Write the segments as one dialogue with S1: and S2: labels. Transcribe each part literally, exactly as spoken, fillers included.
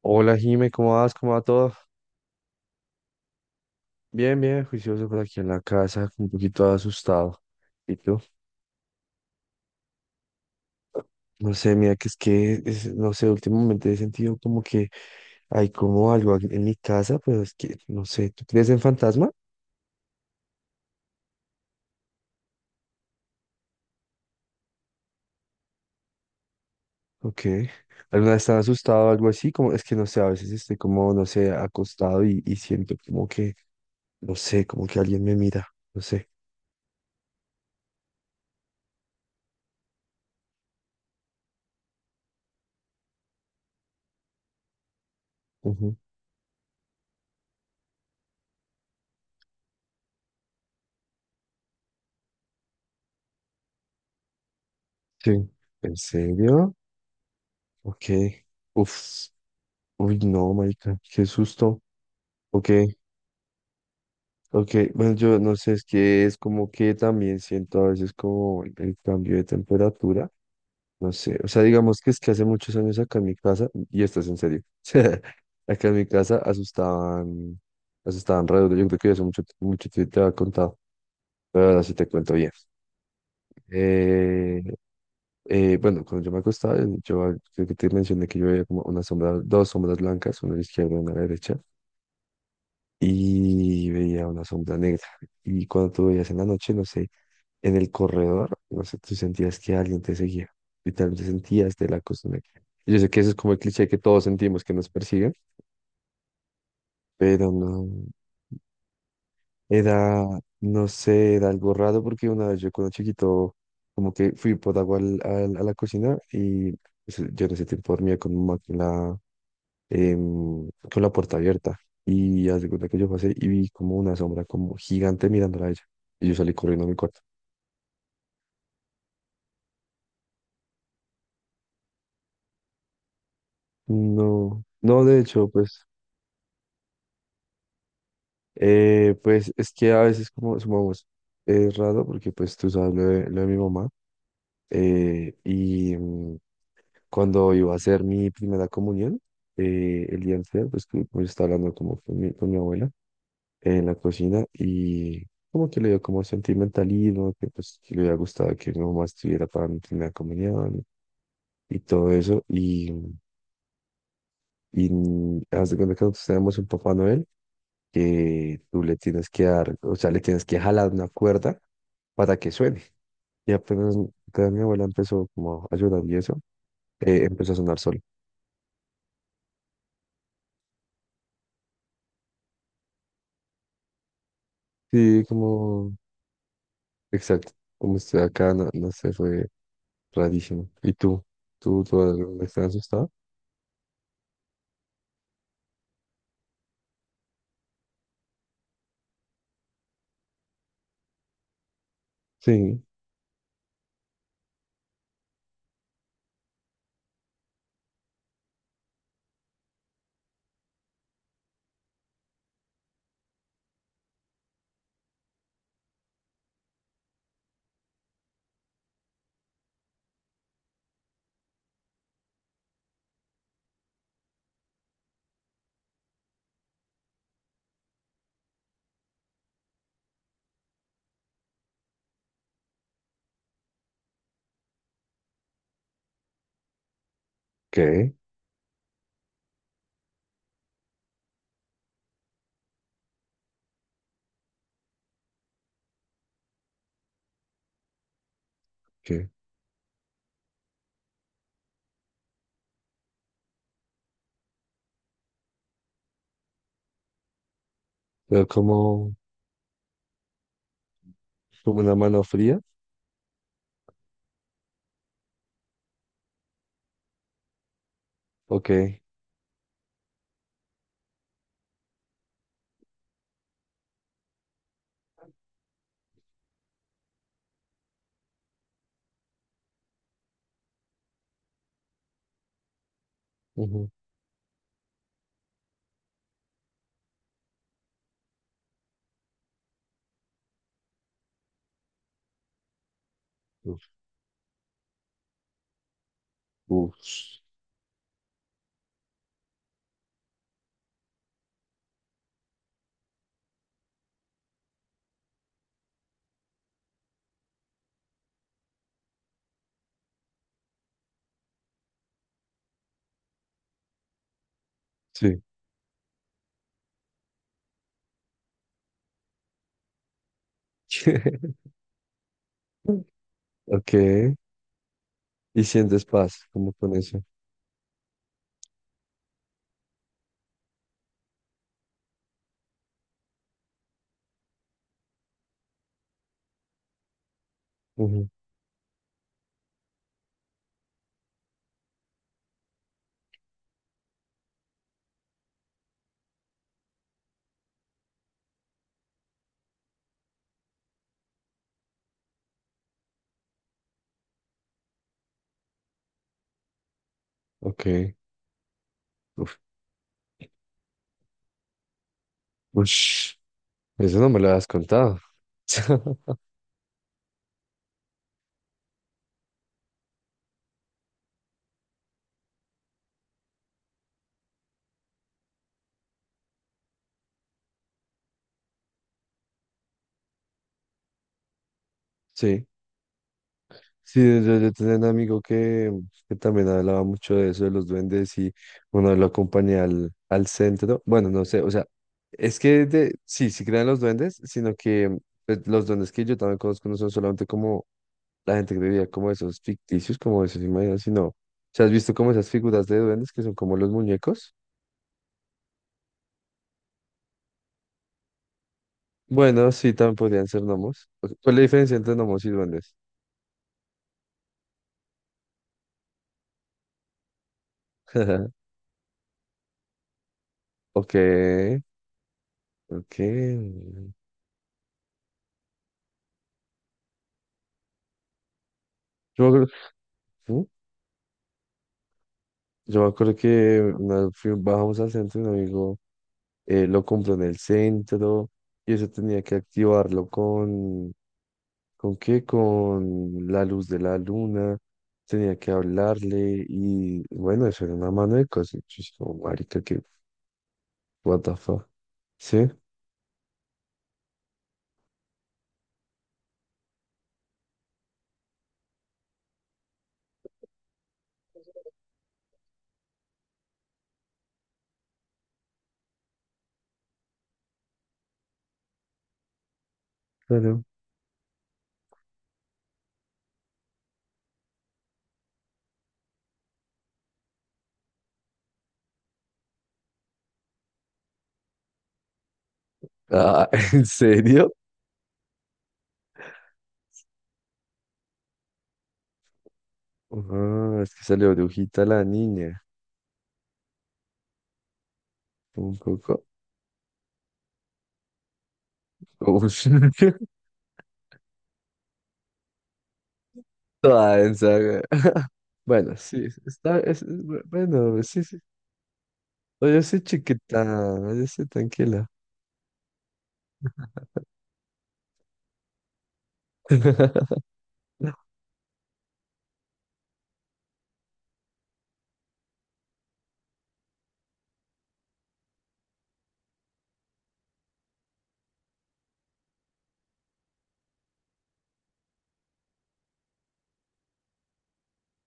S1: Hola Jime, ¿cómo vas? ¿Cómo va todo? Bien, bien, juicioso por aquí en la casa, un poquito asustado. ¿Y tú? No sé, mira que es que, es- no sé, últimamente he sentido como que hay como algo aquí en mi casa, pero es que, no sé, ¿tú crees en fantasma? Ok. ¿Alguna vez estás asustado o algo así? Como, es que no sé, a veces estoy como, no sé, acostado y, y siento como que, no sé, como que alguien me mira, no sé. Ujú. Sí. ¿En serio? Ok. Uf. Uy, no, marica, qué susto. Ok. Ok, bueno, yo no sé, es que es como que también siento a veces como el el cambio de temperatura, no sé, o sea, digamos que es que hace muchos años acá en mi casa, y esto es en serio, acá en mi casa asustaban, asustaban re duro, yo creo que eso mucho, mucho te, te había contado, pero ahora sí te cuento bien. Eh, eh, bueno, cuando yo me acostaba, eh, yo creo que te mencioné que yo veía como una sombra, dos sombras blancas, una a la izquierda y una a la derecha, y veía una sombra negra, y cuando tú veías en la noche, no sé. En el corredor, no sé, tú sentías que alguien te seguía. Literalmente sentías de la costumbre. Yo sé que eso es como el cliché que todos sentimos que nos persiguen, pero no. Era, no sé, era algo raro porque una vez yo cuando chiquito, como que fui por agua al- al- a la cocina y pues, yo en ese tiempo dormía con mi mamá con la, em, con la puerta abierta. Y haz de cuenta que yo pasé y vi como una sombra como gigante mirándola a ella. Y yo salí corriendo a mi cuarto. No, no, de hecho, pues. Eh, pues es que a veces como sumamos, es raro porque pues tú sabes lo de, lo de mi mamá, eh, y mm, cuando iba a hacer mi primera comunión, eh, el día anterior pues que- pues, estaba hablando como con mi, con mi abuela en la cocina y como que le dio como sentimentalismo, que pues que le había gustado que mi mamá estuviera para mi primera comunión y todo eso y, mm, y mm, haz de cuenta que nosotros tenemos un Papá Noel que tú le tienes que dar, o sea, le tienes que jalar una cuerda para que suene. Y apenas, apenas mi abuela empezó como a ayudar y eso, eh, empezó a sonar solo. Sí, como, exacto, como estoy acá, no, no sé, fue rarísimo. ¿Y tú? ¿Tú, tú alguna vez te has asustado? Sí. ¿Qué? ¿Qué? ¿Pero como, como una mano fría? Ok. Ujú. Uf, uf. Sí. Ok. Y sientes paz, como con eso. Ujú. Ok. Uf. Ush. Eso no me lo has contado. Sí. Sí, yo, yo tenía un amigo que, que también hablaba mucho de eso, de los duendes, y bueno, lo acompañé al, al centro. Bueno, no sé, o sea, es que de, sí, sí crean los duendes, sino que pues, los duendes que yo también conozco no son solamente como la gente que vivía como esos ficticios, como esos imaginarios sino, o sea, ¿has visto como esas figuras de duendes que son como los muñecos? Bueno, sí, también podrían ser gnomos. Ok, ¿cuál es la diferencia entre gnomos y duendes? Ok, ok. Yo creo- Yo me acuerdo que nos fui- bajamos al centro y un amigo, eh, lo compró en el centro y eso tenía que activarlo con, ¿con qué? Con la luz de la luna, tenía que hablarle y bueno, eso era una mano de cosas. Yo dije, como, marica, que, what the fuck. ¿Sí? Claro. Ah, ¿en serio? Ah, es que salió brujita la niña. Un poco. Uy, toda densa, güey. Bueno, sí, está, es, es bu- bueno, sí, sí. Oye, sí, chiquita, oye, sí, tranquila.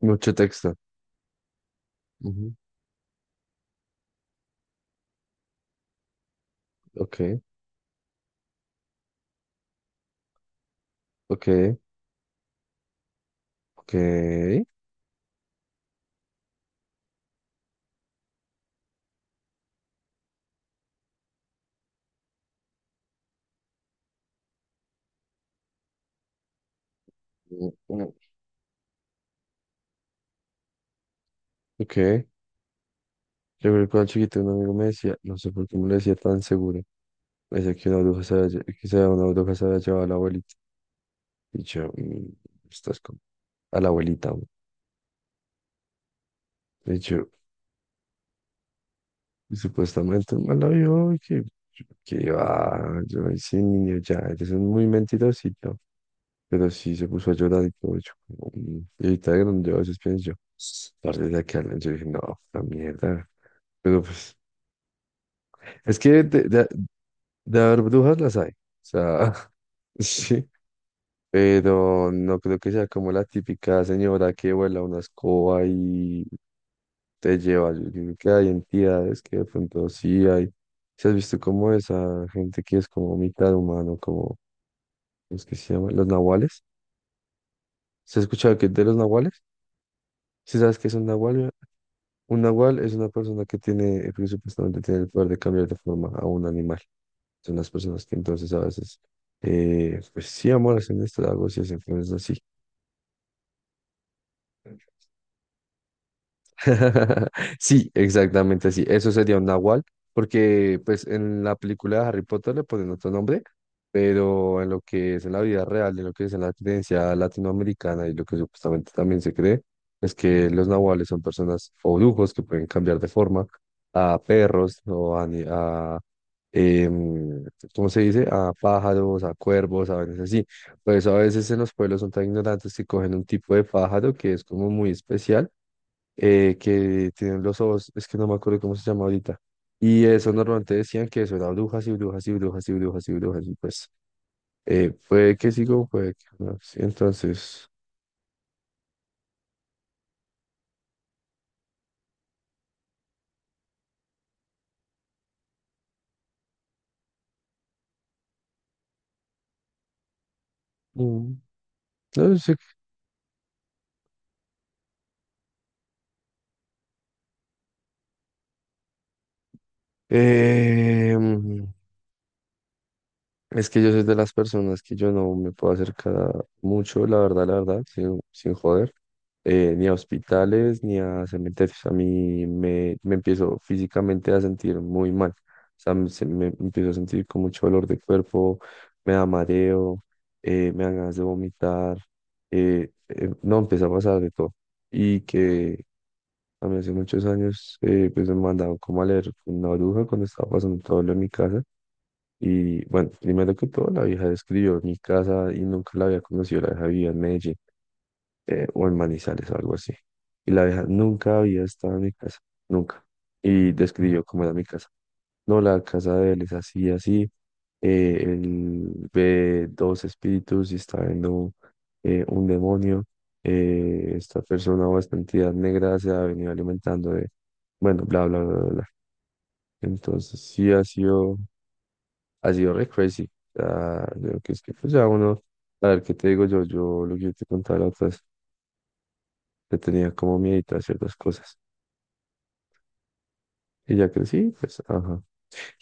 S1: Mucho texto. Ujú. Ok, ok, ok. Mm, mm, ok, yo creo que cuando chiquito un amigo me decía, no sé por qué me lo decía tan seguro, me decía que una bruja se había, lle- que se- una bruja se había llevado a la abuelita. Y yo, "Mm, estás con a la abuelita, güey". Y yo, y supuestamente el man la vio y que, que iba, yo, "Ay, sí, niño, ya, eres un muy mentirosito". Pero sí se puso a llorar y todo. Yo, como, "Mm". Y ahorita de grande, yo a veces pienso, tarde de que hablen, yo dije, no, la mierda. Pero pues, es que de, de, de haber brujas las hay. O sea, sí. Pero no creo que sea como la típica señora que vuela una escoba y te lleva. Yo creo que hay entidades que de pronto sí hay. ¿Se has visto como esa gente que es como mitad humano, como los que se llaman los nahuales? ¿Se ha escuchado que de los nahuales? ¿Sí sabes qué es un nahual? Un nahual es una persona que tiene, eh, que supuestamente tiene el poder de cambiar de forma a un animal. Son las personas que entonces a veces, eh, pues sí, amor, hacen esto, algo, si hacen cosas así. Sí, exactamente así. Eso sería un nahual, porque pues en la película de Harry Potter le ponen otro nombre, pero en lo que es en la vida real, en lo que es en la creencia latinoamericana y lo que supuestamente también se cree, es que los nahuales son personas o brujos que pueden cambiar de forma a perros o a, ni- a em, ¿cómo se dice? A pájaros, a cuervos, a veces así. Por eso a veces en los pueblos son tan ignorantes que cogen un tipo de pájaro que es como muy especial, eh, que tienen los ojos, es que no me acuerdo cómo se llama ahorita. Y eso normalmente decían que eso era brujas y brujas y brujas y brujas y brujas. Y pues, eh, puede que sigo, puede que no. Sí, entonces, mm, no sé. Eh, Es que yo soy de las personas que yo no me puedo acercar a mucho, la verdad, la verdad, sin, sin joder, eh, ni a hospitales, ni a cementerios. A mí me, me empiezo físicamente a sentir muy mal. O sea, me, se- me empiezo a sentir con mucho dolor de cuerpo, me da mareo, eh, me dan ganas de vomitar. eh, eh, no, empieza a pasar de todo. Y que a mí hace muchos años, eh, pues me mandaron como a leer una bruja cuando estaba pasando todo lo de mi casa. Y bueno, primero que todo, la vieja describió mi casa y nunca la había conocido. La vieja vivía en Medellín, eh, o en Manizales o algo así. Y la vieja nunca había estado en mi casa, nunca. Y describió cómo era mi casa. No, la casa de él es así, así. Eh, él ve dos espíritus y está viendo, eh, un demonio. Eh, esta persona o esta entidad negra se ha venido alimentando de, bueno, bla, bla, bla, bla, bla. Entonces, sí ha sido, ha sido re crazy. O sea, yo que es que pues ya uno, a ver qué te digo yo, yo lo que yo te contaba la otra vez, que tenía como miedito a ciertas cosas. Y ya crecí, pues, ajá.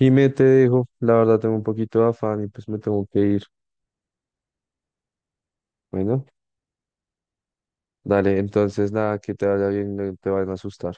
S1: Me te dejo, la verdad tengo un poquito de afán y pues me tengo que ir. Bueno, dale, entonces nada, que te vaya bien, no te vayan a asustar.